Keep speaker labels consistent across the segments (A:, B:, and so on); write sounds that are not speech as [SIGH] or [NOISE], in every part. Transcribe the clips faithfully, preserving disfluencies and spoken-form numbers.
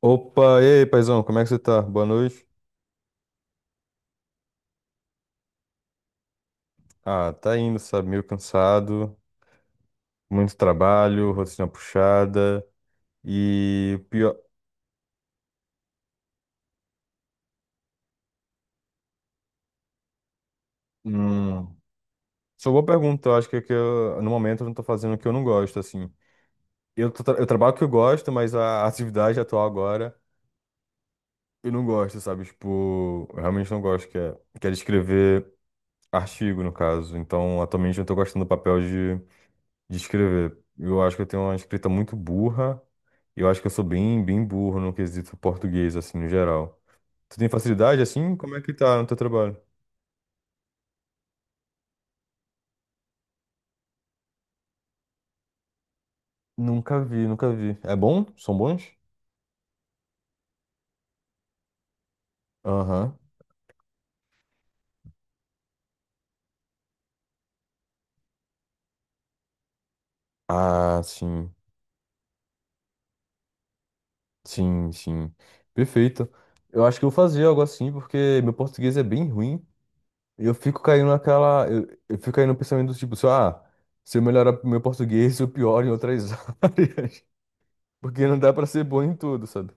A: Opa, e aí, paizão, como é que você tá? Boa noite. Ah, tá indo, sabe? Meio cansado, muito trabalho, rotina puxada e o pior. Hum, só boa pergunta. Eu acho que, é que eu, no momento eu não tô fazendo o que eu não gosto, assim. Eu, tô tra- eu trabalho o que eu gosto, mas a atividade atual agora eu não gosto, sabe? Tipo, eu realmente não gosto, que é, que é de escrever artigo, no caso. Então, atualmente eu tô gostando do papel de escrever. Eu acho que eu tenho uma escrita muito burra. e Eu acho que eu sou bem, bem burro no quesito português, assim, no geral. Tu tem facilidade, assim? Como é que tá no teu trabalho? Nunca vi, nunca vi. É bom? São bons? Aham. Ah, sim. Sim, sim. Perfeito. Eu acho que eu vou fazer algo assim, porque meu português é bem ruim. E eu fico caindo naquela. Eu, eu fico caindo no pensamento do tipo, assim, ah, se eu melhorar meu português, eu pioro em outras [LAUGHS] áreas. Porque não dá pra ser bom em tudo, sabe?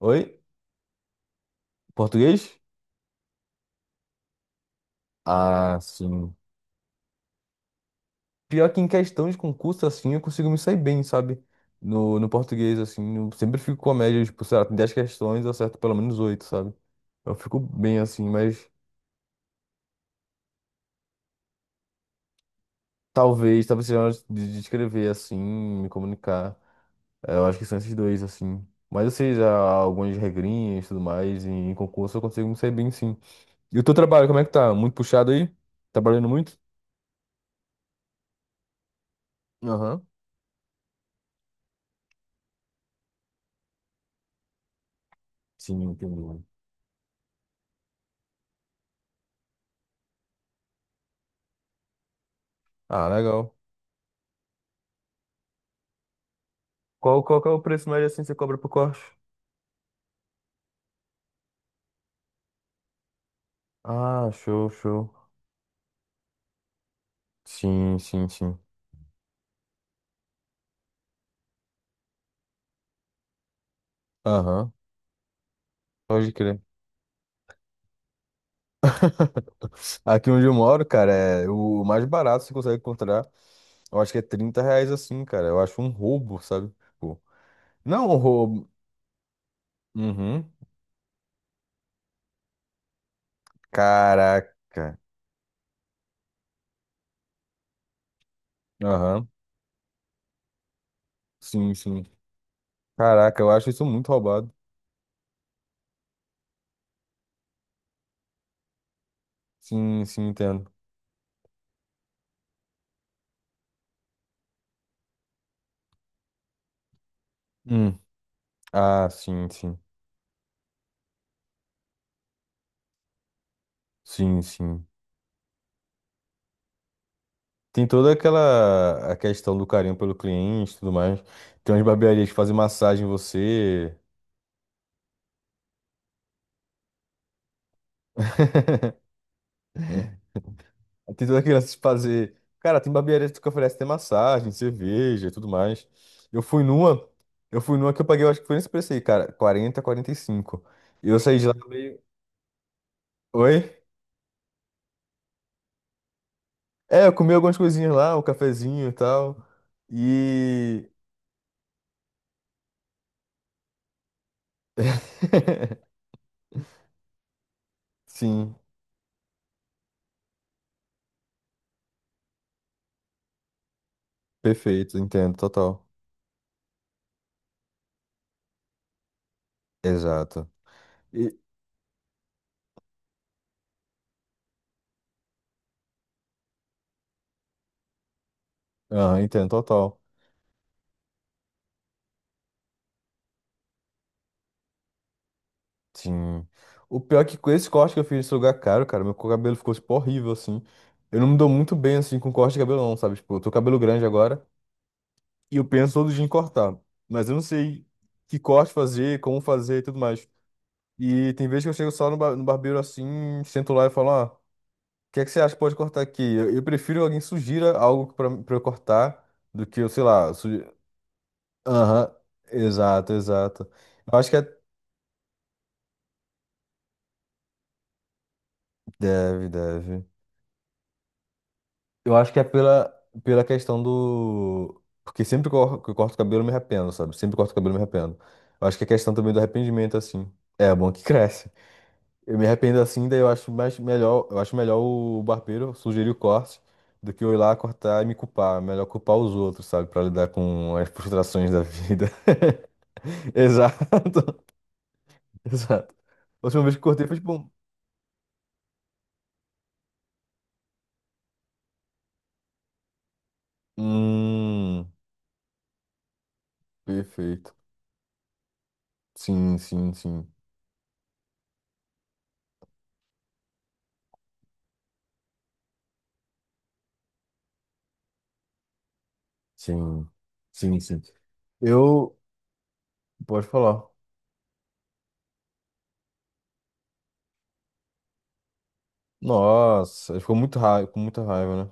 A: Oi? Português? Ah, sim. Pior que em questão de concurso, assim, eu consigo me sair bem, sabe? No, no português, assim, eu sempre fico com a média, tipo, sei lá, tem dez questões, eu acerto pelo menos oito, sabe? Eu fico bem, assim, mas talvez, talvez seja hora de de escrever, assim, me comunicar. Eh, Eu acho que são esses dois, assim. Mas eu sei já algumas regrinhas e tudo mais, e em concurso eu consigo me sair bem, sim. E o teu trabalho, como é que tá? Muito puxado aí? Tá trabalhando muito? Aham. Sim, entendi. Ah, legal. Qual, qual que é o preço médio assim que você cobra pro corte? Ah, show, show. Sim, sim, sim. Aham, pode crer. [LAUGHS] Aqui onde eu moro, cara, é o mais barato que você consegue encontrar. Eu acho que é trinta reais assim, cara. Eu acho um roubo, sabe? Tipo, não um roubo. Uhum. Caraca. Aham. Sim, sim. Caraca, eu acho isso muito roubado. Sim, sim, entendo. Hum. Ah, sim, sim. Sim, sim. Tem toda aquela a questão do carinho pelo cliente e tudo mais. Tem umas barbearias que fazem massagem em você. [LAUGHS] Tem toda aquela se fazer. Cara, tem barbearias que oferece até massagem, cerveja e tudo mais. Eu fui numa, eu fui numa que eu paguei, eu acho que foi nesse preço aí, cara, quarenta, quarenta e cinco. E cinco. E eu saí de lá meio. Oi? É, eu comi algumas coisinhas lá, um cafezinho e tal. E. [LAUGHS] Sim, perfeito, entendo, total. Exato. E... Ah, entendo, total. Sim. O pior é que com esse corte que eu fiz esse lugar caro, cara, meu cabelo ficou, tipo, horrível, assim. Eu não me dou muito bem, assim, com corte de cabelo, não, sabe? Tipo, eu tô com cabelo grande agora e eu penso todo dia em cortar. Mas eu não sei que corte fazer, como fazer e tudo mais. E tem vezes que eu chego só no, ba- no barbeiro, assim, sento lá e falo, ó, o que é que você acha que pode cortar aqui? Eu, eu prefiro alguém sugira algo pra, pra eu cortar do que eu, sei lá, sugi... Aham, exato, exato. Eu acho que é... Deve, deve. Eu acho que é pela, pela questão do. Porque sempre que eu que eu corto o cabelo, eu me arrependo, sabe? Sempre que eu corto o cabelo, eu me arrependo. Eu acho que é questão também do arrependimento, assim. É bom que [LAUGHS] cresce. Eu me arrependo assim, daí eu acho mais melhor, eu acho melhor o barbeiro sugerir o corte do que eu ir lá cortar e me culpar. É melhor culpar os outros, sabe? Pra lidar com as frustrações da vida. [LAUGHS] Exato, [LAUGHS] exato. A última vez que cortei foi tipo. Um- Hum, perfeito. Sim, sim, sim. Sim, sim, sim. Eu. Pode falar. Nossa, ele ficou muito raiva, com muita raiva, né?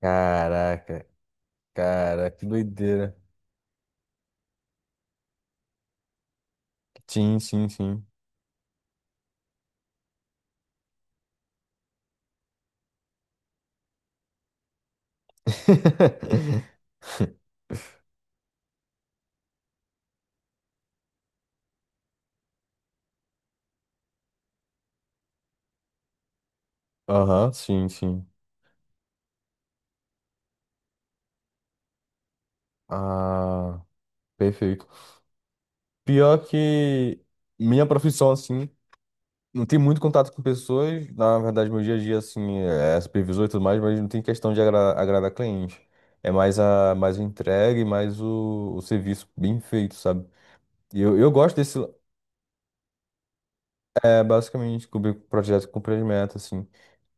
A: Caraca, cara, que doideira. Sim, sim, sim. [LAUGHS] Aham, sim, sim. Ah, perfeito. Pior que minha profissão, assim, não tem muito contato com pessoas. Na verdade, meu dia a dia, assim, é é supervisor e tudo mais, mas não tem questão de agra- agradar cliente. É mais a mais a entrega e mais o, o serviço bem feito, sabe? E eu, eu gosto desse, é, basicamente, cobrir projeto com meta assim.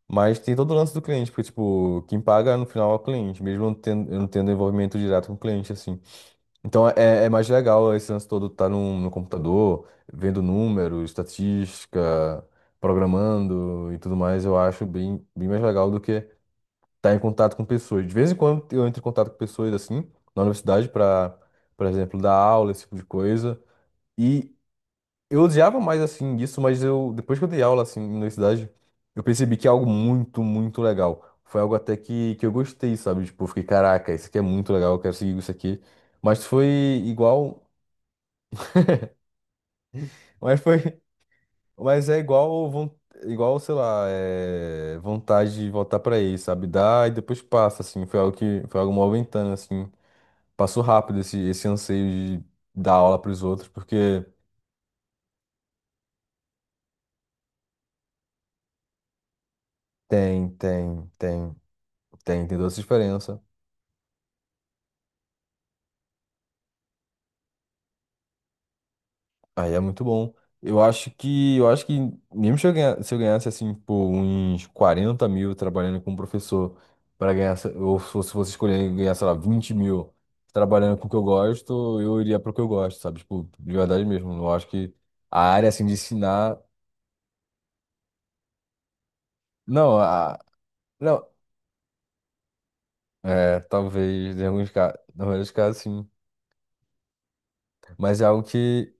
A: Mas tem todo o lance do cliente, porque, tipo, quem paga no final é o cliente, mesmo eu não tendo, eu não tendo envolvimento direto com o cliente, assim. Então é, é mais legal esse lance todo estar tá no, no computador, vendo números, estatística, programando e tudo mais. Eu acho bem, bem mais legal do que estar tá em contato com pessoas. De vez em quando eu entro em contato com pessoas, assim, na universidade, para, por exemplo, dar aula, esse tipo de coisa. E, eu odiava mais assim isso, mas eu depois que eu dei aula assim na universidade, eu percebi que é algo muito, muito legal. Foi algo até que, que eu gostei, sabe? Tipo, eu fiquei, caraca, isso aqui é muito legal, eu quero seguir isso aqui. Mas foi igual, mas foi, [LAUGHS] mas é igual, von- igual, sei lá, é, vontade de voltar pra ele, sabe? Dá e depois passa assim. Foi algo que foi algo movimentando assim. Passou rápido esse esse anseio de dar aula pros outros, porque tem, tem, tem, tem, tem toda essa diferença. Aí é muito bom. Eu acho que, eu acho que mesmo se eu ganha- se eu ganhasse, assim, pô, uns quarenta mil trabalhando como professor, para ganhar, se- ou se fosse fosse escolher ganhar, sei lá, vinte mil trabalhando com o que eu gosto, eu iria pro que eu gosto, sabe? Tipo, de verdade mesmo. Eu acho que a área, assim, de ensinar. Não, a... não. É, talvez, em alguns casos, na maioria dos casos, sim. Mas é algo que.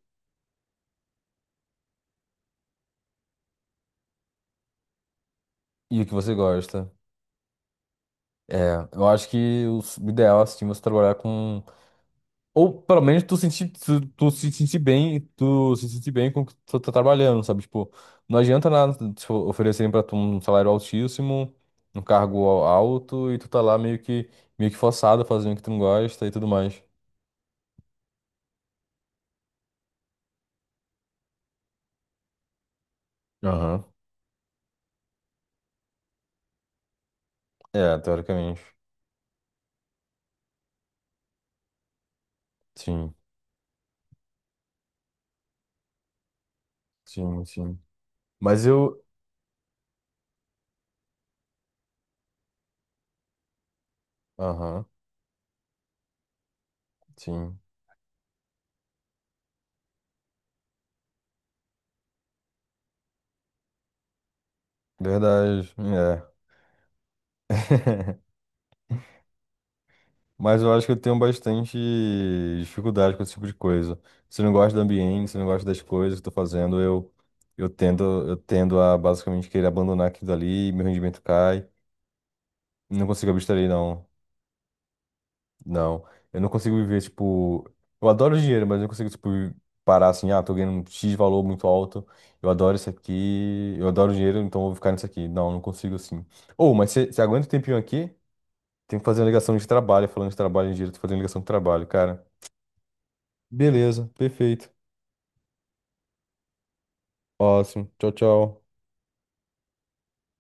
A: E o que você gosta. É, eu acho que o s- o ideal, assim, é você trabalhar com. Ou pelo menos tu sentir, tu, tu se sentir bem, tu se sentir bem com o que tu tá trabalhando, sabe? Tipo, não adianta nada te o- oferecerem pra tu um salário altíssimo, um cargo al- alto, e tu tá lá meio que, meio que forçado fazendo o que tu não gosta e tudo mais. Aham. É, teoricamente. Sim, sim, sim. Mas eu. Aham, sim. Verdade. É. [LAUGHS] Mas eu acho que eu tenho bastante dificuldade com esse tipo de coisa. Se eu não gosto do ambiente, se eu não gosto das coisas que eu tô fazendo, eu, eu tendo, eu tendo a basicamente querer abandonar aquilo ali, meu rendimento cai. Não consigo abstrair, não. Não. Eu não consigo viver, tipo. Eu adoro dinheiro, mas eu não consigo, tipo, parar assim, ah, tô ganhando um X valor muito alto. Eu adoro isso aqui, eu adoro dinheiro, então eu vou ficar nisso aqui. Não, não consigo assim. Ou, mas você você aguenta um tempinho aqui? Tem que fazer uma ligação de trabalho, falando de trabalho em dinheiro, tem que fazer uma ligação de trabalho, cara. Beleza, perfeito. Ótimo. Tchau, tchau.